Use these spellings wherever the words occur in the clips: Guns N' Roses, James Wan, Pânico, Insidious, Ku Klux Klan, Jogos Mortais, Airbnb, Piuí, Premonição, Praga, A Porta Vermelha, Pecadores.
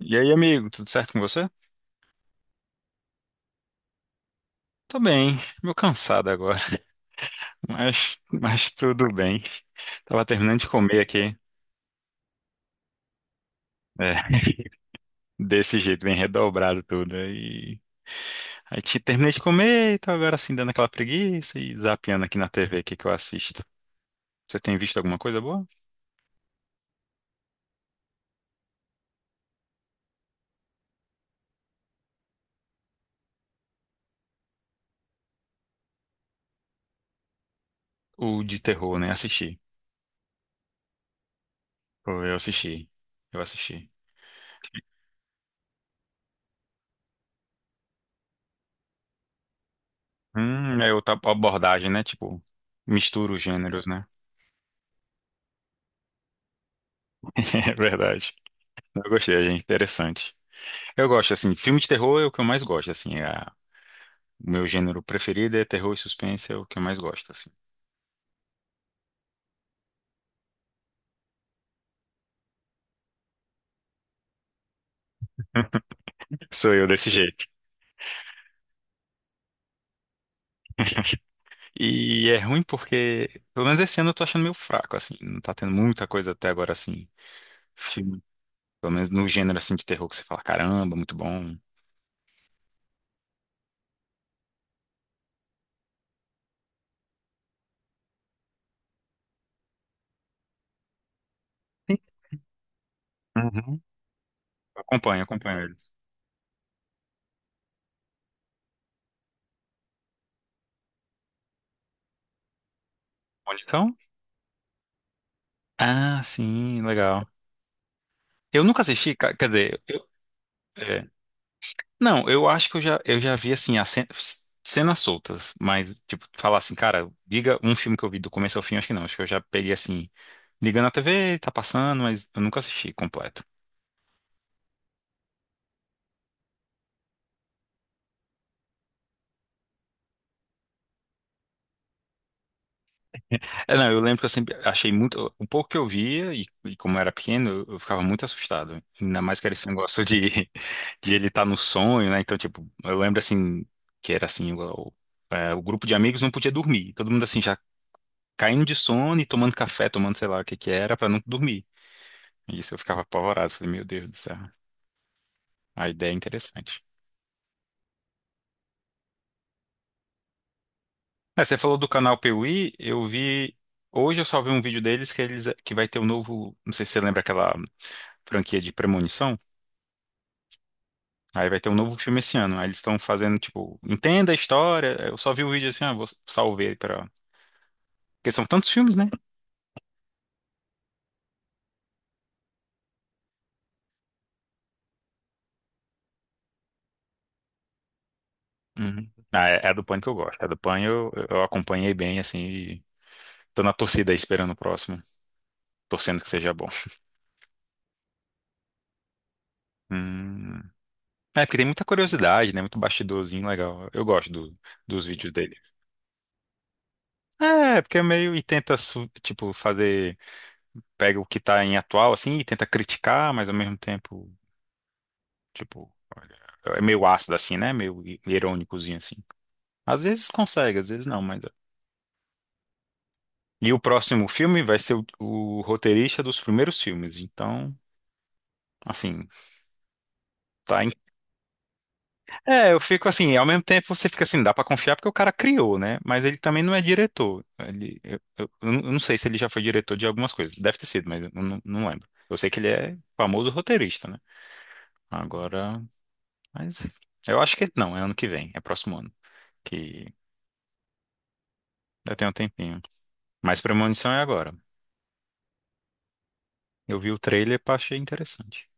E aí, amigo, tudo certo com você? Tô bem, meio cansado agora, mas tudo bem. Tava terminando de comer aqui, é, desse jeito, bem redobrado tudo. E aí terminei de comer e tô agora assim dando aquela preguiça e zapeando aqui na TV o que que eu assisto. Você tem visto alguma coisa boa? O de terror, né? Assisti. Pô, eu assisti. Eu assisti. É outra abordagem, né? Tipo, mistura os gêneros, né? É verdade. Eu gostei, gente. Interessante. Eu gosto, assim, filme de terror é o que eu mais gosto, assim, o meu gênero preferido é terror e suspense, é o que eu mais gosto, assim. Sou eu desse jeito. E é ruim porque, pelo menos esse ano eu tô achando meio fraco, assim, não tá tendo muita coisa até agora, assim, filme, pelo menos no gênero, assim, de terror que você fala, caramba, muito bom. Sim. Uhum. Acompanho, acompanho eles. Onde estão? Ah, sim, legal. Eu nunca assisti, quer dizer, eu, é, Não, eu acho que eu já vi, assim, as cenas soltas, mas, tipo, falar assim, cara, diga um filme que eu vi do começo ao fim, acho que não. Acho que eu já peguei, assim, ligando a TV, tá passando, mas eu nunca assisti completo. É, não, eu lembro que eu sempre achei muito. O pouco que eu via, e como eu era pequeno, eu ficava muito assustado. Ainda mais que era esse negócio de, de ele estar no sonho, né? Então, tipo, eu lembro, assim, que era assim, o grupo de amigos não podia dormir. Todo mundo, assim, já caindo de sono e tomando café, tomando sei lá o que que era, pra não dormir. E isso eu ficava apavorado. Falei, meu Deus do céu, a ideia é interessante. É, você falou do canal Piuí, eu vi. Hoje eu só vi um vídeo deles que eles que vai ter um novo. Não sei se você lembra aquela franquia de Premonição. Aí vai ter um novo filme esse ano. Aí eles estão fazendo, tipo, entenda a história. Eu só vi o vídeo assim, ah, vou salvei para. Porque são tantos filmes, né? Uhum. Ah, é a do Pânico que eu gosto. A do Pânico eu acompanhei bem, assim, e tô na torcida aí esperando o próximo. Torcendo que seja bom. Hum. É, porque tem muita curiosidade, né? Muito bastidorzinho legal. Eu gosto dos vídeos dele. É, porque é meio e tenta, tipo, fazer. Pega o que tá em atual, assim, e tenta criticar, mas ao mesmo tempo, tipo, olha, é meio ácido, assim, né? Meio irônicozinho, assim. Às vezes consegue, às vezes não, mas. E o próximo filme vai ser o roteirista dos primeiros filmes. Então, assim, tá. É, eu fico assim, ao mesmo tempo você fica assim, dá pra confiar porque o cara criou, né? Mas ele também não é diretor. Ele, eu não sei se ele já foi diretor de algumas coisas. Deve ter sido, mas eu não lembro. Eu sei que ele é famoso roteirista, né? Agora, mas eu acho que não, é ano que vem, é próximo ano, que ainda tem um tempinho. Mas Premonição é agora. Eu vi o trailer e achei interessante.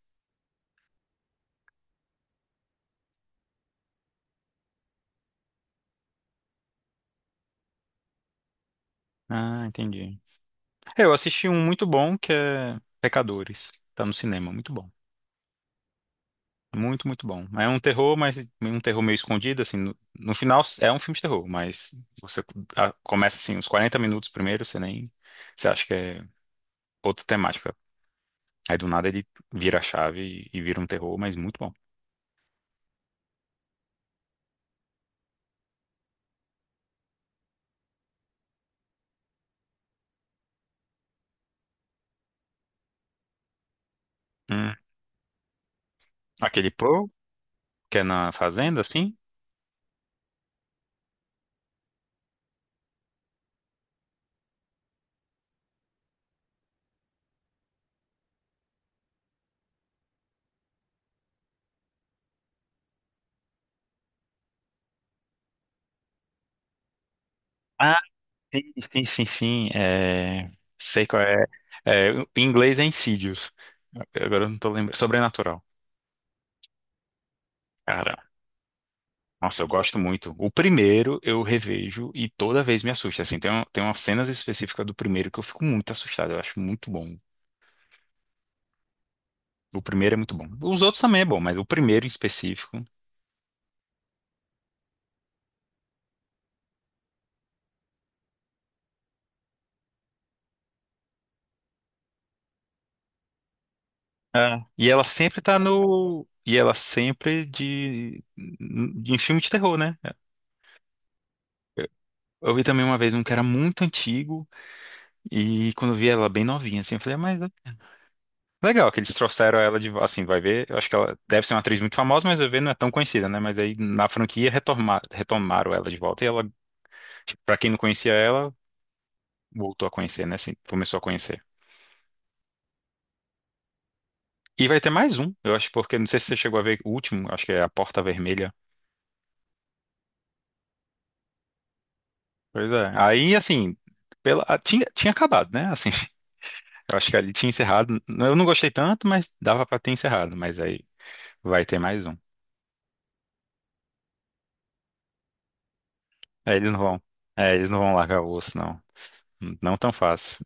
Ah, entendi. Eu assisti um muito bom que é Pecadores. Tá no cinema, muito bom. Muito, muito bom. É um terror, mas um terror meio escondido, assim. No final é um filme de terror, mas você começa assim, uns 40 minutos primeiro, você nem. Você acha que é outra temática. Aí do nada ele vira a chave e vira um terror, mas muito bom. Hum. Aquele que é na fazenda, assim? Ah, sim, sim, sim, sim. É... Sei qual é. É, em inglês é Insidious. Agora eu não tô lembrando. Sobrenatural. Nossa, eu gosto muito. O primeiro eu revejo e toda vez me assusta. Assim, tem umas cenas específicas do primeiro que eu fico muito assustado. Eu acho muito bom. O primeiro é muito bom. Os outros também é bom, mas o primeiro em específico. É. E ela sempre tá no. E ela sempre de. Em filme de terror, né? Eu, eu vi também uma vez um que era muito antigo. E quando eu vi ela bem novinha, assim, eu falei, "Ah, mas legal que eles trouxeram ela de, assim, vai ver, eu acho que ela deve ser uma atriz muito famosa, mas vai ver não é tão conhecida, né? Mas aí na franquia retomaram ela de volta e ela, tipo, pra quem não conhecia ela, voltou a conhecer, né? Assim, começou a conhecer. E vai ter mais um, eu acho, porque não sei se você chegou a ver o último, acho que é A Porta Vermelha. Pois é. Aí, assim, tinha acabado, né? Assim, eu acho que ali tinha encerrado. Eu não gostei tanto, mas dava pra ter encerrado, mas aí vai ter mais um. Aí eles não vão. É, eles não vão largar o osso, não. Não tão fácil.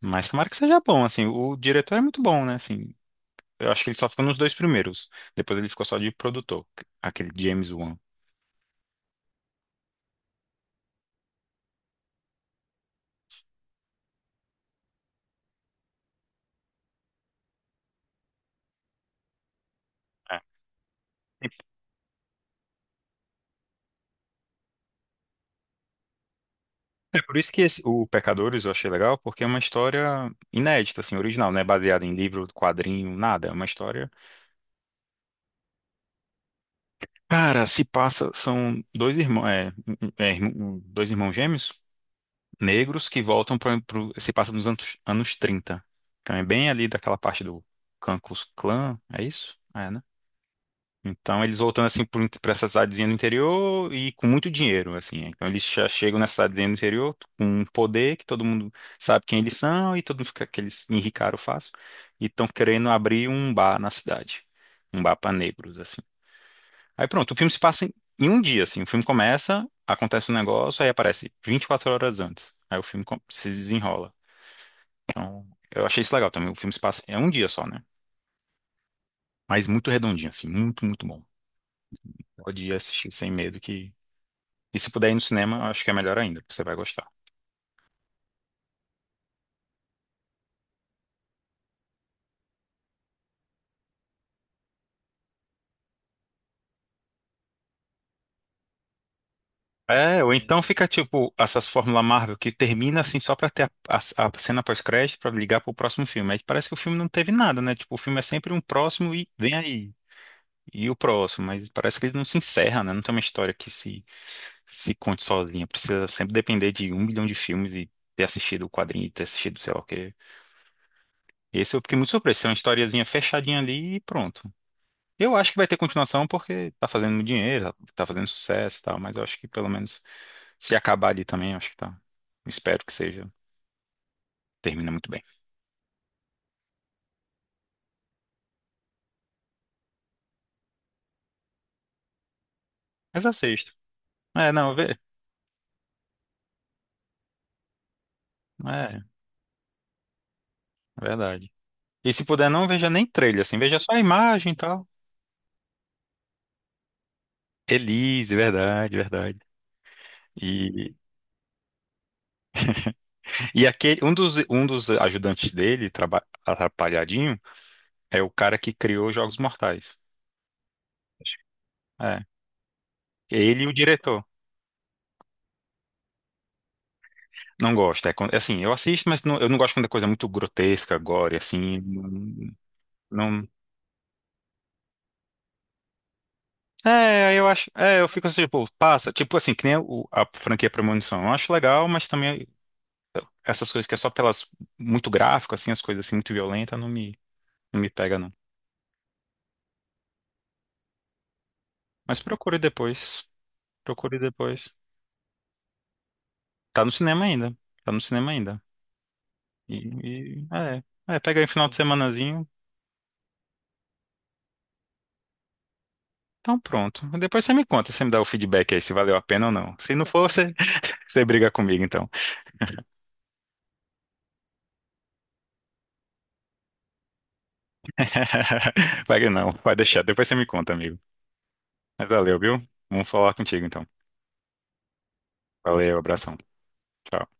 Mas tomara que seja bom, assim, o diretor é muito bom, né, assim, eu acho que ele só ficou nos dois primeiros, depois ele ficou só de produtor, aquele James Wan. É É por isso que o Pecadores eu achei legal, porque é uma história inédita, assim, original, não é baseada em livro, quadrinho, nada, é uma história... Cara, se passa, são dois irmãos, dois irmãos gêmeos, negros, que voltam para se passa nos anos 30, então é bem ali daquela parte do Ku Klux Klan, é isso? É, né? Então eles voltando assim para essa cidadezinha do interior e com muito dinheiro, assim, né? Então eles já chegam nessa cidadezinha do interior com um poder que todo mundo sabe quem eles são e todo mundo fica que eles enricaram fácil e estão querendo abrir um bar na cidade, um bar para negros, assim. Aí pronto, o filme se passa em um dia, assim. O filme começa, acontece um negócio, aí aparece 24 horas antes. Aí o filme se desenrola. Então eu achei isso legal também. O filme se passa é um dia só, né? Mas muito redondinho, assim, muito, muito bom. Pode assistir sem medo que. E se puder ir no cinema, eu acho que é melhor ainda, porque você vai gostar. É, ou então fica tipo essas Fórmula Marvel que termina assim só pra ter a cena pós-crédito pra ligar pro próximo filme. Aí parece que o filme não teve nada, né? Tipo, o filme é sempre um próximo e vem aí. E o próximo, mas parece que ele não se encerra, né? Não tem uma história que se conte sozinha. Precisa sempre depender de um milhão de filmes e ter assistido o quadrinho, ter assistido sei lá o quê. Esse eu fiquei muito surpreso. É uma historiazinha fechadinha ali e pronto. Eu acho que vai ter continuação porque tá fazendo muito dinheiro, tá fazendo sucesso e tal, mas eu acho que pelo menos se acabar ali também, eu acho que tá. Espero que seja. Termina muito bem. Mas assisto. É, não, vê. É, é verdade. E se puder, não veja nem trailer, assim, veja só a imagem e tal. Elise, verdade, verdade. E, e aquele, um dos ajudantes dele, atrapalhadinho, é o cara que criou Jogos Mortais. É. Ele e o diretor. Não gosto. É, assim, eu assisto, mas eu não gosto quando é coisa muito grotesca, gore, assim. Não, não- É, eu acho. É, eu fico assim, tipo, passa. Tipo assim, que nem a franquia Premonição. Eu acho legal, mas também essas coisas que é só pelas muito gráfico, assim, as coisas assim muito violentas, não me, pega, não. Mas procure depois. Procure depois. Tá no cinema ainda. Tá no cinema ainda. E, é. É, pega aí um final de semanazinho. Então pronto. Depois você me conta, você me dá o feedback aí se valeu a pena ou não. Se não for, você, você briga comigo, então. Vai não, vai deixar. Depois você me conta, amigo. Mas valeu, viu? Vamos falar contigo então. Valeu, abração. Tchau.